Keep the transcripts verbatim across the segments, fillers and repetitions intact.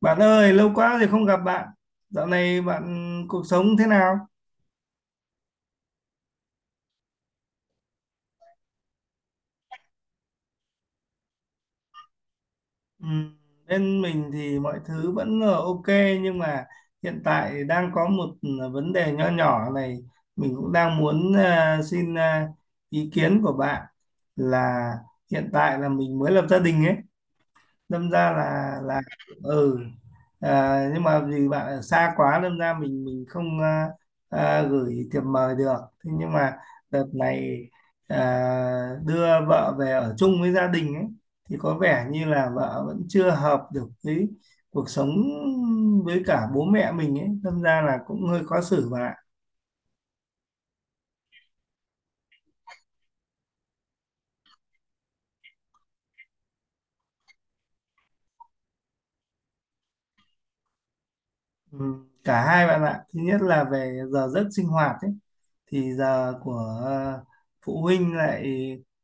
Bạn ơi, lâu quá rồi không gặp bạn. Dạo này bạn cuộc sống thế nào? Ừ, bên mình thì mọi thứ vẫn ờ, ok nhưng mà hiện tại đang có một à, vấn đề nho nhỏ này. Mình cũng đang muốn ờ, xin ờ, ý kiến của bạn là hiện tại là mình mới lập gia đình ấy, đâm ra là là ừ à, nhưng mà vì bạn ở xa quá đâm ra mình mình không à, à, gửi thiệp mời được. Thế nhưng mà đợt này à, đưa vợ về ở chung với gia đình ấy thì có vẻ như là vợ vẫn chưa hợp được với cuộc sống, với cả bố mẹ mình ấy, đâm ra là cũng hơi khó xử bạn ạ. Ừ, cả hai bạn ạ, thứ nhất là về giờ giấc sinh hoạt ấy, thì giờ của ờ, phụ huynh lại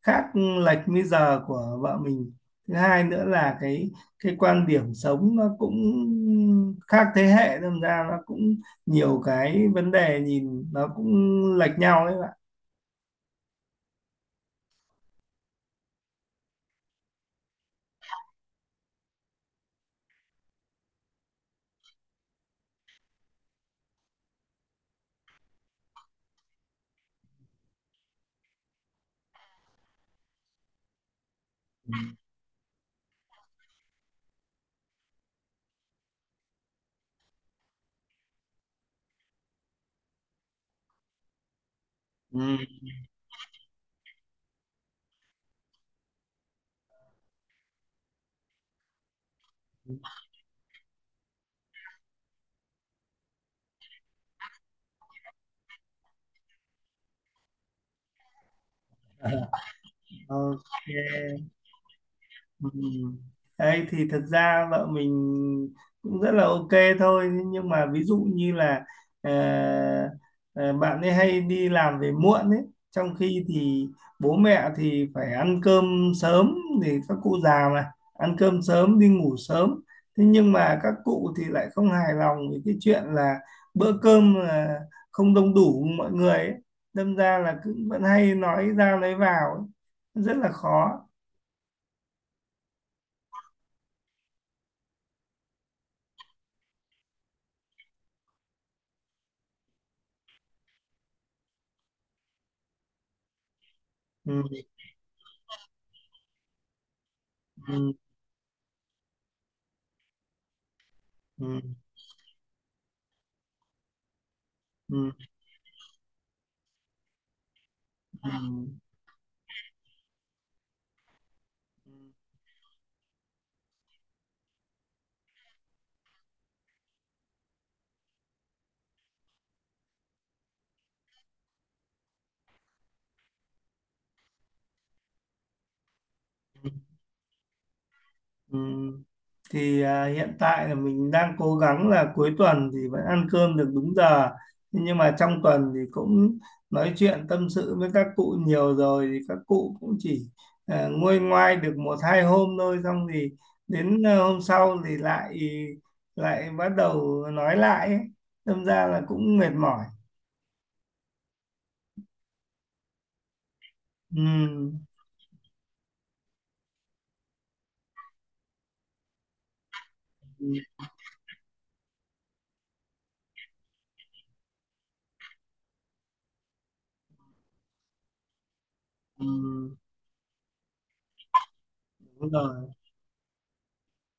khác lệch với giờ của vợ mình. Thứ hai nữa là cái cái quan điểm sống nó cũng khác thế hệ, đâm ra nó cũng nhiều cái vấn đề nhìn nó cũng lệch nhau đấy bạn. Ừ. Ok. Ừ. Đấy, thì thật ra vợ mình cũng rất là ok thôi, nhưng mà ví dụ như là ờ, ờ, bạn ấy hay đi làm về muộn ấy, trong khi thì bố mẹ thì phải ăn cơm sớm, thì các cụ già mà, ăn cơm sớm đi ngủ sớm, thế nhưng mà các cụ thì lại không hài lòng với cái chuyện là bữa cơm là không đông đủ mọi người ấy. Đâm ra là cứ vẫn hay nói ra lấy vào ấy, rất là khó. Ừ. Ừ. Ừ. Ừ. Ừ. Ừ. Ừ. Thì à, hiện tại là mình đang cố gắng là cuối tuần thì vẫn ăn cơm được đúng giờ. Thế nhưng mà trong tuần thì cũng nói chuyện tâm sự với các cụ nhiều rồi, thì các cụ cũng chỉ à, nguôi ngoai được một hai hôm thôi, xong thì đến à, hôm sau thì lại lại bắt đầu nói lại ấy. Đâm ra là cũng mệt mỏi. Ừ. Ừ. Ừ. Đúng rồi,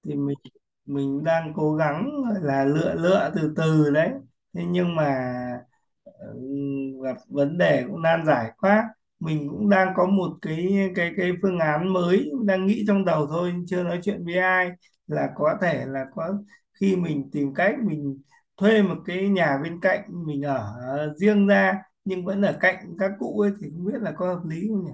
thì mình mình đang cố gắng gọi là lựa lựa từ từ đấy, thế nhưng mà ừm, gặp vấn đề cũng nan giải quá. Mình cũng đang có một cái cái cái phương án mới đang nghĩ trong đầu thôi, chưa nói chuyện với ai, là có thể là có khi mình tìm cách mình thuê một cái nhà bên cạnh mình ở riêng ra, nhưng vẫn ở cạnh các cụ ấy, thì không biết là có hợp lý không nhỉ?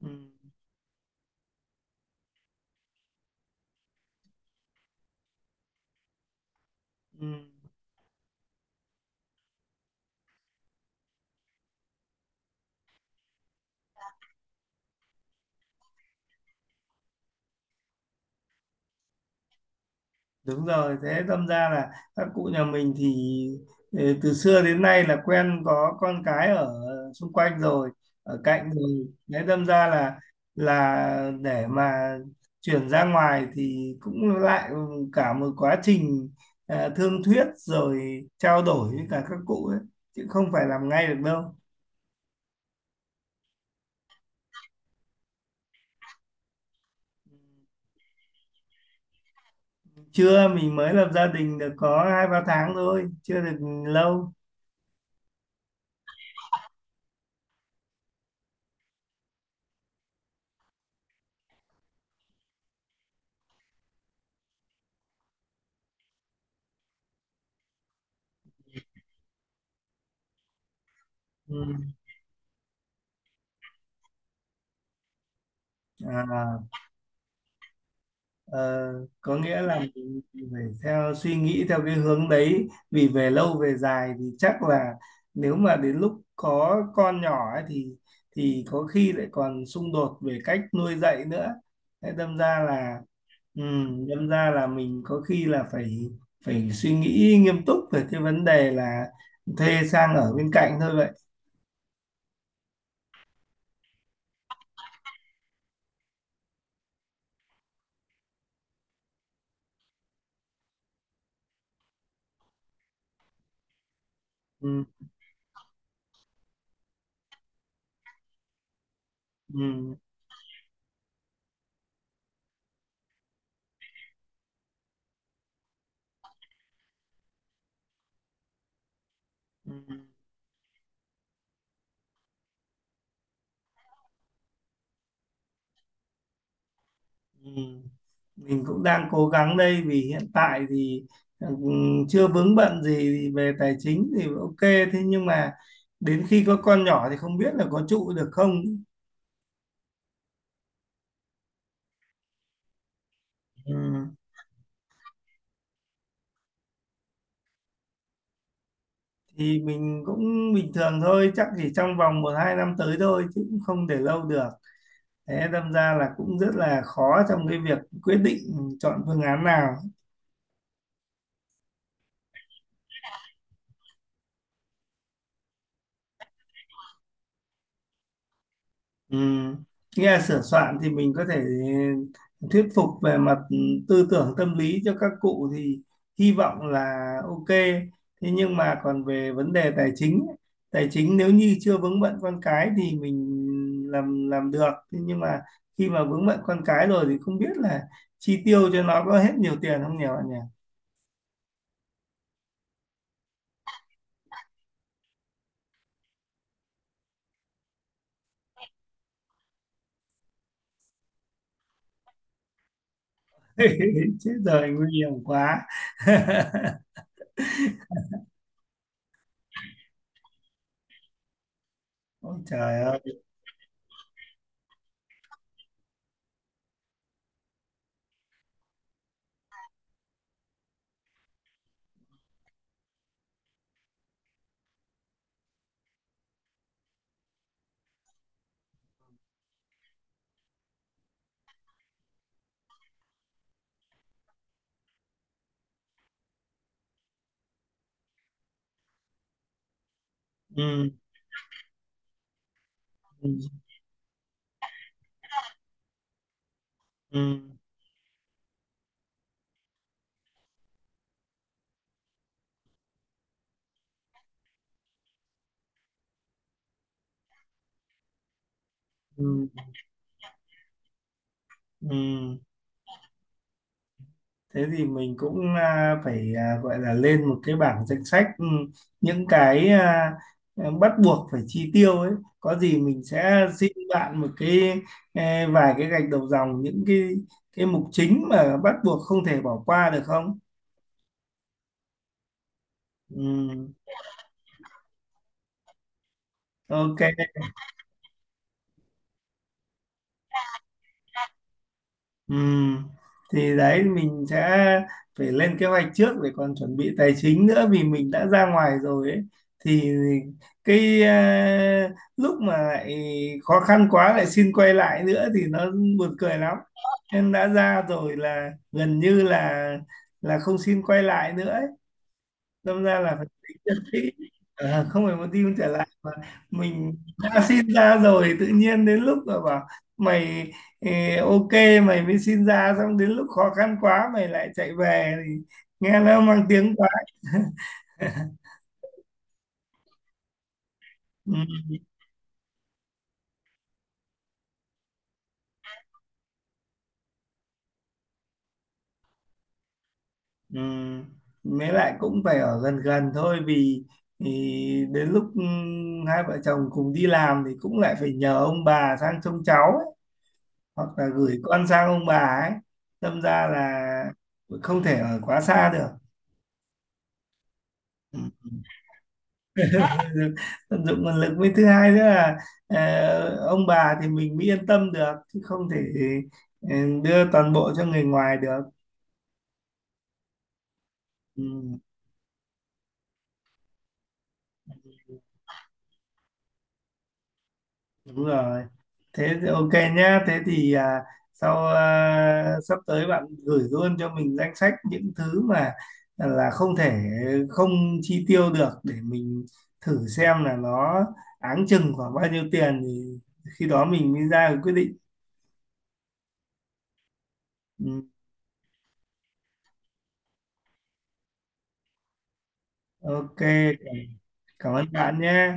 Ừ. Ừ. Đúng rồi, thế đâm ra là các cụ nhà mình thì ờ, từ xưa đến nay là quen có con cái ở xung quanh rồi, ở cạnh rồi. Thế đâm ra là là để mà chuyển ra ngoài thì cũng lại cả một quá trình ờ, thương thuyết rồi trao đổi với cả các cụ ấy, chứ không phải làm ngay được đâu. Chưa, mình mới lập gia đình được có hai ba tháng thôi, chưa được lâu. Ừ. À. Ờ, có nghĩa là mình phải theo suy nghĩ theo cái hướng đấy, vì về lâu về dài thì chắc là nếu mà đến lúc có con nhỏ ấy thì thì có khi lại còn xung đột về cách nuôi dạy nữa. Thế đâm ra là ừm, đâm ra là mình có khi là phải phải suy nghĩ nghiêm túc về cái vấn đề là thuê sang ở bên cạnh thôi vậy. Ừm. Ừm. Ừm. Ừ. Mình cũng đang cố gắng đây, vì hiện tại thì ừ, chưa vướng bận gì về tài chính thì ok, thế nhưng mà đến khi có con nhỏ thì không biết là có trụ được không. Ừ. Thì mình cũng bình thường thôi, chắc chỉ trong vòng một hai năm tới thôi chứ cũng không để lâu được. Thế đâm ra là cũng rất là khó trong cái việc quyết định chọn phương án nào. Ừ. Nghe là sửa soạn thì mình có thể thuyết phục về mặt tư tưởng tâm lý cho các cụ thì hy vọng là ok. Thế nhưng mà còn về vấn đề tài chính ấy, tài chính nếu như chưa vướng bận con cái thì mình làm làm được. Thế nhưng mà khi mà vướng bận con cái rồi thì không biết là chi tiêu cho nó có hết nhiều tiền không nhỉ bạn nhỉ? Chết rồi nguy hiểm quá. Ôi trời ơi. Ừ. Ừ. Ừ. Ừ. Ừ. Thế thì mình cũng à, phải à, gọi là lên một cái bảng danh sách ừ, những cái à, à, bắt buộc phải chi tiêu ấy, có gì mình sẽ xin bạn một cái ê, vài cái gạch đầu dòng, những cái cái mục chính mà bắt buộc không thể bỏ qua được không? Ừ, ok. Ừ. Thì đấy mình sẽ phải lên kế hoạch trước để còn chuẩn bị tài chính nữa, vì mình đã ra ngoài rồi ấy, thì cái ờ, lúc mà lại khó khăn quá lại xin quay lại nữa thì nó buồn cười lắm, nên đã ra rồi là gần như là là không xin quay lại nữa, đâm ra là phải tính được kỹ. Ờ, không phải một team trở lại mà mình đã xin ra rồi tự nhiên đến lúc mà bảo mày eh, ok, mày mới xin ra xong đến lúc khó khăn quá mày lại chạy về thì nghe nó mang tiếng quá. Ừ. Ừ. Mới lại cũng phải ở gần gần thôi, vì thì đến lúc ừ, hai vợ chồng cùng đi làm thì cũng lại phải nhờ ông bà sang trông cháu ấy, hoặc là gửi con sang ông bà ấy, đâm ra là không thể ở quá xa được. Ừ. Tận dụng nguồn lực với thứ hai nữa là ờ, ông bà thì mình mới yên tâm được, chứ không thể ờ, đưa toàn bộ cho người ngoài được. Ừ, đúng rồi, thế thì ok nhá, thế thì à, sau à, sắp tới bạn gửi luôn cho mình danh sách những thứ mà à, là không thể không chi tiêu được, để mình thử xem là nó áng chừng khoảng bao nhiêu tiền, thì khi đó mình mới ra được quyết định. Ừ, ok. Cảm ơn bạn nhé.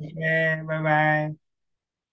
Ok, bye bye.